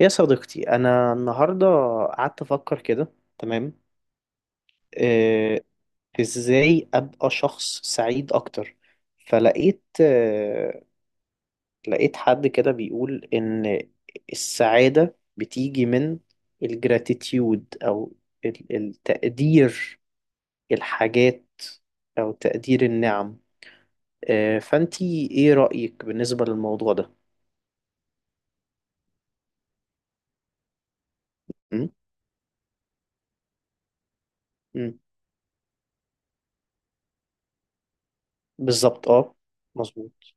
يا صديقتي، أنا النهاردة قعدت أفكر كده. تمام. آه، إزاي أبقى شخص سعيد أكتر؟ فلقيت آه، لقيت حد كده بيقول إن السعادة بتيجي من الجراتيتيود أو التقدير، الحاجات، أو تقدير النعم. فأنتي إيه رأيك بالنسبة للموضوع ده؟ م؟ م. بالظبط أه. مظبوط.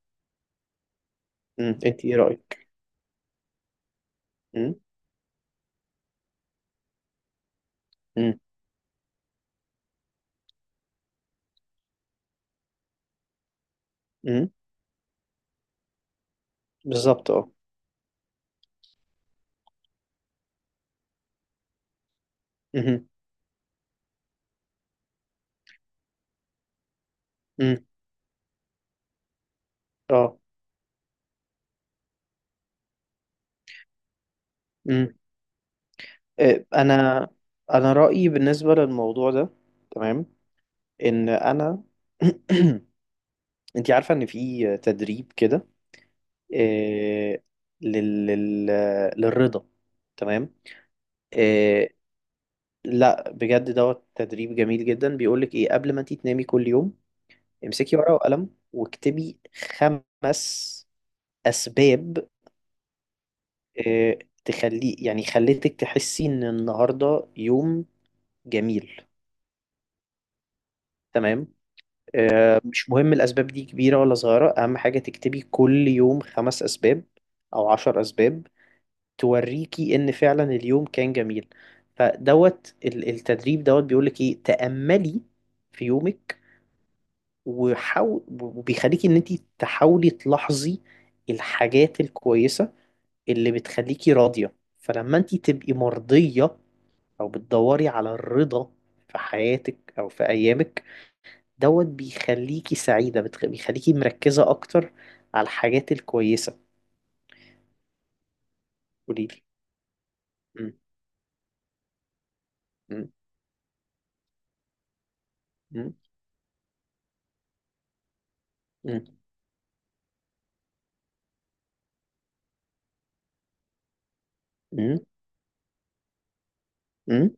م. أنتي إيه رأيك؟ م؟ م. م. بالظبط اه. مهم. مم. اه. مم. آه، انا انا رأيي بالنسبة للموضوع ده، تمام، ان انا انت عارفة ان في تدريب كده، آه، لل... لل... للرضا. تمام. آه، لا بجد دوت تدريب جميل جدا، بيقولك ايه؟ قبل ما انت تنامي كل يوم امسكي ورقة وقلم واكتبي 5 اسباب، آه، تخلي يعني خلتك تحسي ان النهارده يوم جميل. تمام. مش مهم الأسباب دي كبيرة ولا صغيرة، أهم حاجة تكتبي كل يوم 5 أسباب أو 10 أسباب توريكي إن فعلا اليوم كان جميل. فدوت التدريب دوت بيقولك إيه؟ تأملي في يومك، وحاول، وبيخليكي إن أنت تحاولي تلاحظي الحاجات الكويسة اللي بتخليكي راضية. فلما أنت تبقي مرضية أو بتدوري على الرضا في حياتك أو في أيامك، دوت بيخليكي سعيدة، بيخليكي مركزة أكتر على الحاجات الكويسة. قوليلي. مم. مم. مم. مم. مم. مم.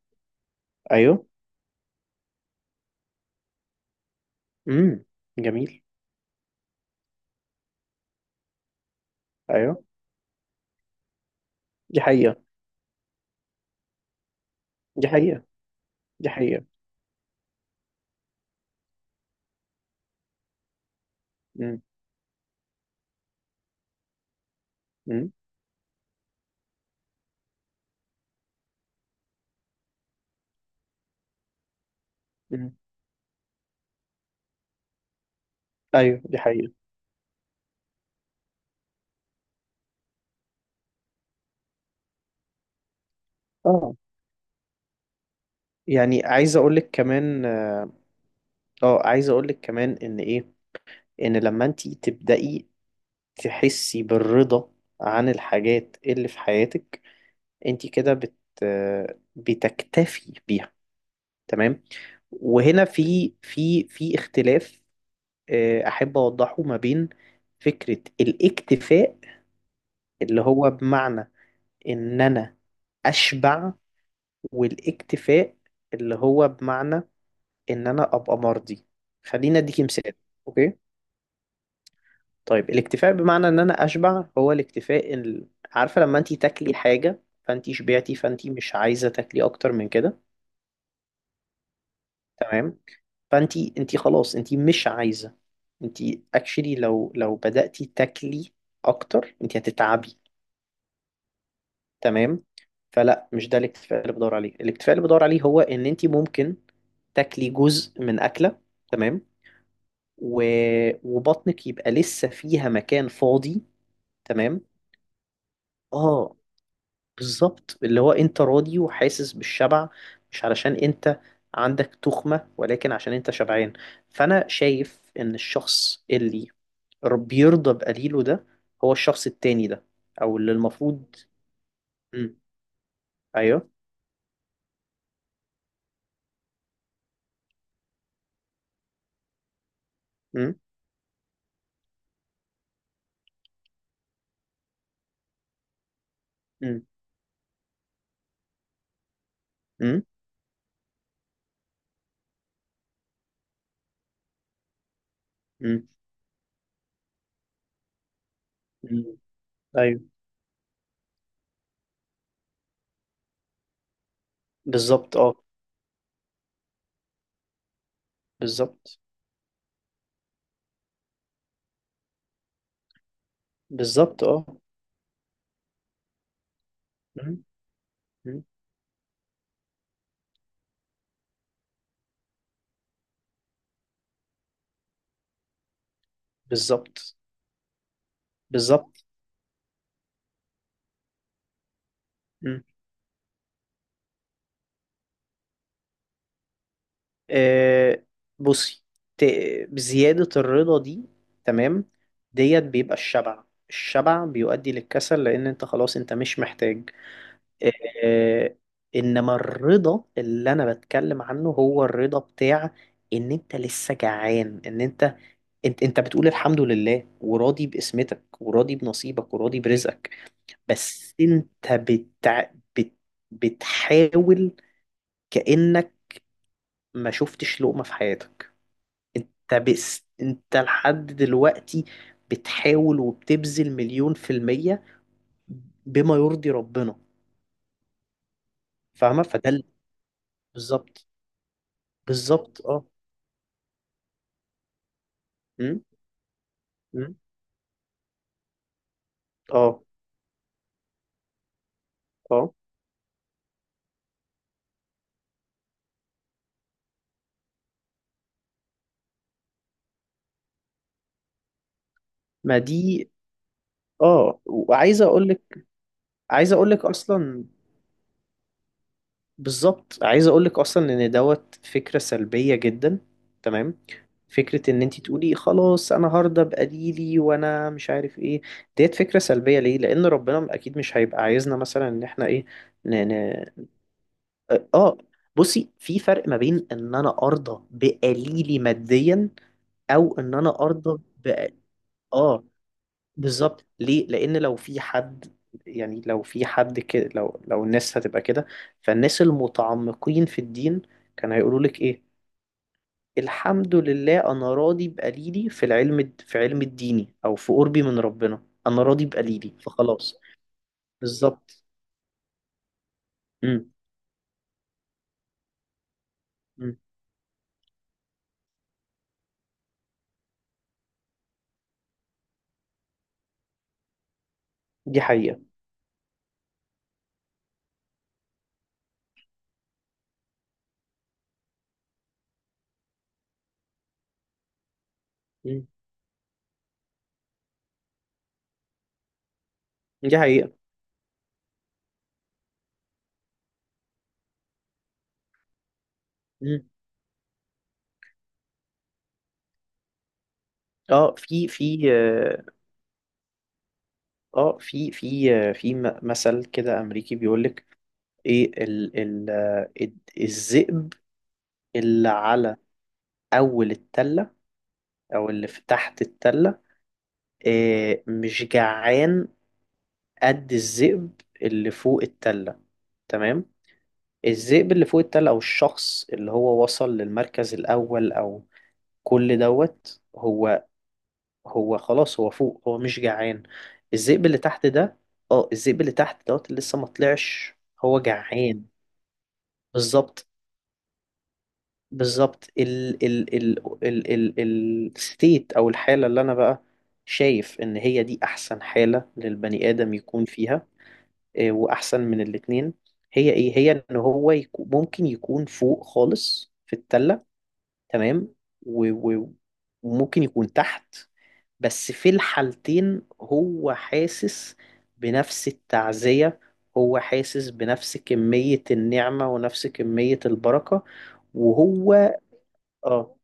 أيوه. مم. جميل. أيوه، دي حقيقة. دي حقيقة. دي حقيقة. مم. مم. مم. أيوه دي حقيقة. اه، يعني عايز أقولك كمان. اه، عايز أقولك كمان إن إيه، إن لما أنتي تبدأي تحسي بالرضا عن الحاجات اللي في حياتك، أنتي كده بتكتفي بيها. تمام. وهنا في اختلاف، احب اوضحه ما بين فكرة الاكتفاء اللي هو بمعنى ان انا اشبع، والاكتفاء اللي هو بمعنى ان انا ابقى مرضي. خلينا اديكي مثال. اوكي. طيب، الاكتفاء بمعنى ان انا اشبع هو الاكتفاء عارفة لما انتي تاكلي حاجة فانتي شبعتي فانتي مش عايزة تاكلي اكتر من كده. تمام. فانت خلاص انت مش عايزه، انت اكشلي لو بدأتي تاكلي اكتر انت هتتعبي. تمام. فلا، مش ده الاكتفاء اللي بدور عليه. الاكتفاء اللي بدور عليه هو ان انت ممكن تاكلي جزء من اكله، تمام، و... وبطنك يبقى لسه فيها مكان فاضي. تمام. اه، بالظبط، اللي هو انت راضي وحاسس بالشبع مش علشان انت عندك تخمة، ولكن عشان انت شبعان. فانا شايف ان الشخص اللي رب يرضى بقليله ده هو الشخص التاني ده، او اللي المفروض. مم. ايوه. مم. مم. مم. مم. مم. ايوه. بالظبط اه. بالظبط. بالظبط اه. مم. مم. بالظبط. بالظبط. مم. آه، بصي. ت... بزيادة الرضا دي، تمام، ديت بيبقى الشبع. الشبع بيؤدي للكسل لان انت خلاص انت مش محتاج. آه، انما الرضا اللي انا بتكلم عنه هو الرضا بتاع ان انت لسه جعان، ان انت، انت بتقول الحمد لله، وراضي بقسمتك وراضي بنصيبك وراضي برزقك. بس انت بت... بتحاول كأنك ما شفتش لقمة في حياتك. انت بس انت لحد دلوقتي بتحاول وبتبذل مليون في المية بما يرضي ربنا. فاهمة. فده بالظبط. بالظبط اه. مم. اه. اه ما دي. اه. وعايز اقول لك عايز اقول لك اصلا، بالظبط، عايز اقول لك اصلا ان دوت فكرة سلبية جدا. تمام. فكرة ان انت تقولي خلاص انا هرضى بقليلي وانا مش عارف ايه، ديت فكرة سلبية. ليه؟ لان ربنا اكيد مش هيبقى عايزنا مثلا ان احنا ايه، ن... ن... اه، بصي، في فرق ما بين ان انا ارضى بقليلي ماديا او ان انا ارضى اه بالظبط. ليه؟ لان لو في حد، يعني لو في حد كده، لو لو الناس هتبقى كده، فالناس المتعمقين في الدين كانوا هيقولوا لك ايه؟ الحمد لله انا راضي بقليلي في العلم، في علم الديني او في قربي من ربنا انا راضي بقليلي، فخلاص. بالظبط. امم. أمم. دي حقيقة. أمم. دي حقيقة. أمم. اه. في في اه آه، في في آه، في مثل كده امريكي بيقول لك ايه ال ال آه، الذئب اللي على اول التله او اللي في تحت التله، مش جعان قد الذئب اللي فوق التله. تمام. الذئب اللي فوق التله او الشخص اللي هو وصل للمركز الاول، او كل دوت، هو خلاص، هو فوق، هو مش جعان. الذئب اللي تحت ده، اه، الذئب اللي تحت دوت اللي لسه ما طلعش هو جعان. بالظبط. بالظبط. ال ال ال ال ال الستيت او الحاله اللي انا بقى شايف ان هي دي احسن حاله للبني ادم يكون فيها. إيه، واحسن من الاتنين هي ايه؟ هي ان هو يكون ممكن يكون فوق خالص في التله. تمام. و- و- وممكن يكون تحت، بس في الحالتين هو حاسس بنفس التعزيه، هو حاسس بنفس كميه النعمه ونفس كميه البركه. وهو اه.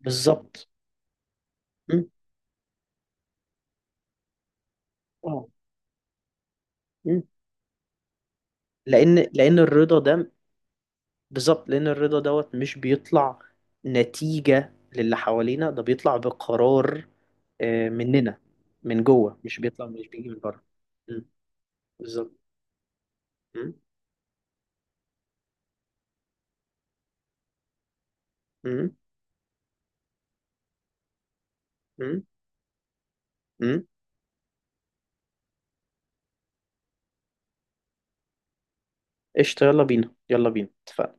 بالظبط. مم. اه. مم. لان الرضا ده بالظبط. لان الرضا دوت مش بيطلع نتيجة للي حوالينا، ده بيطلع بقرار مننا، من جوه. مش بيطلع، مش بيجي من بره. مم. بالظبط. مم. مم. مم. مم. قشطة، يلا بينا، يلا بينا، اتفقنا.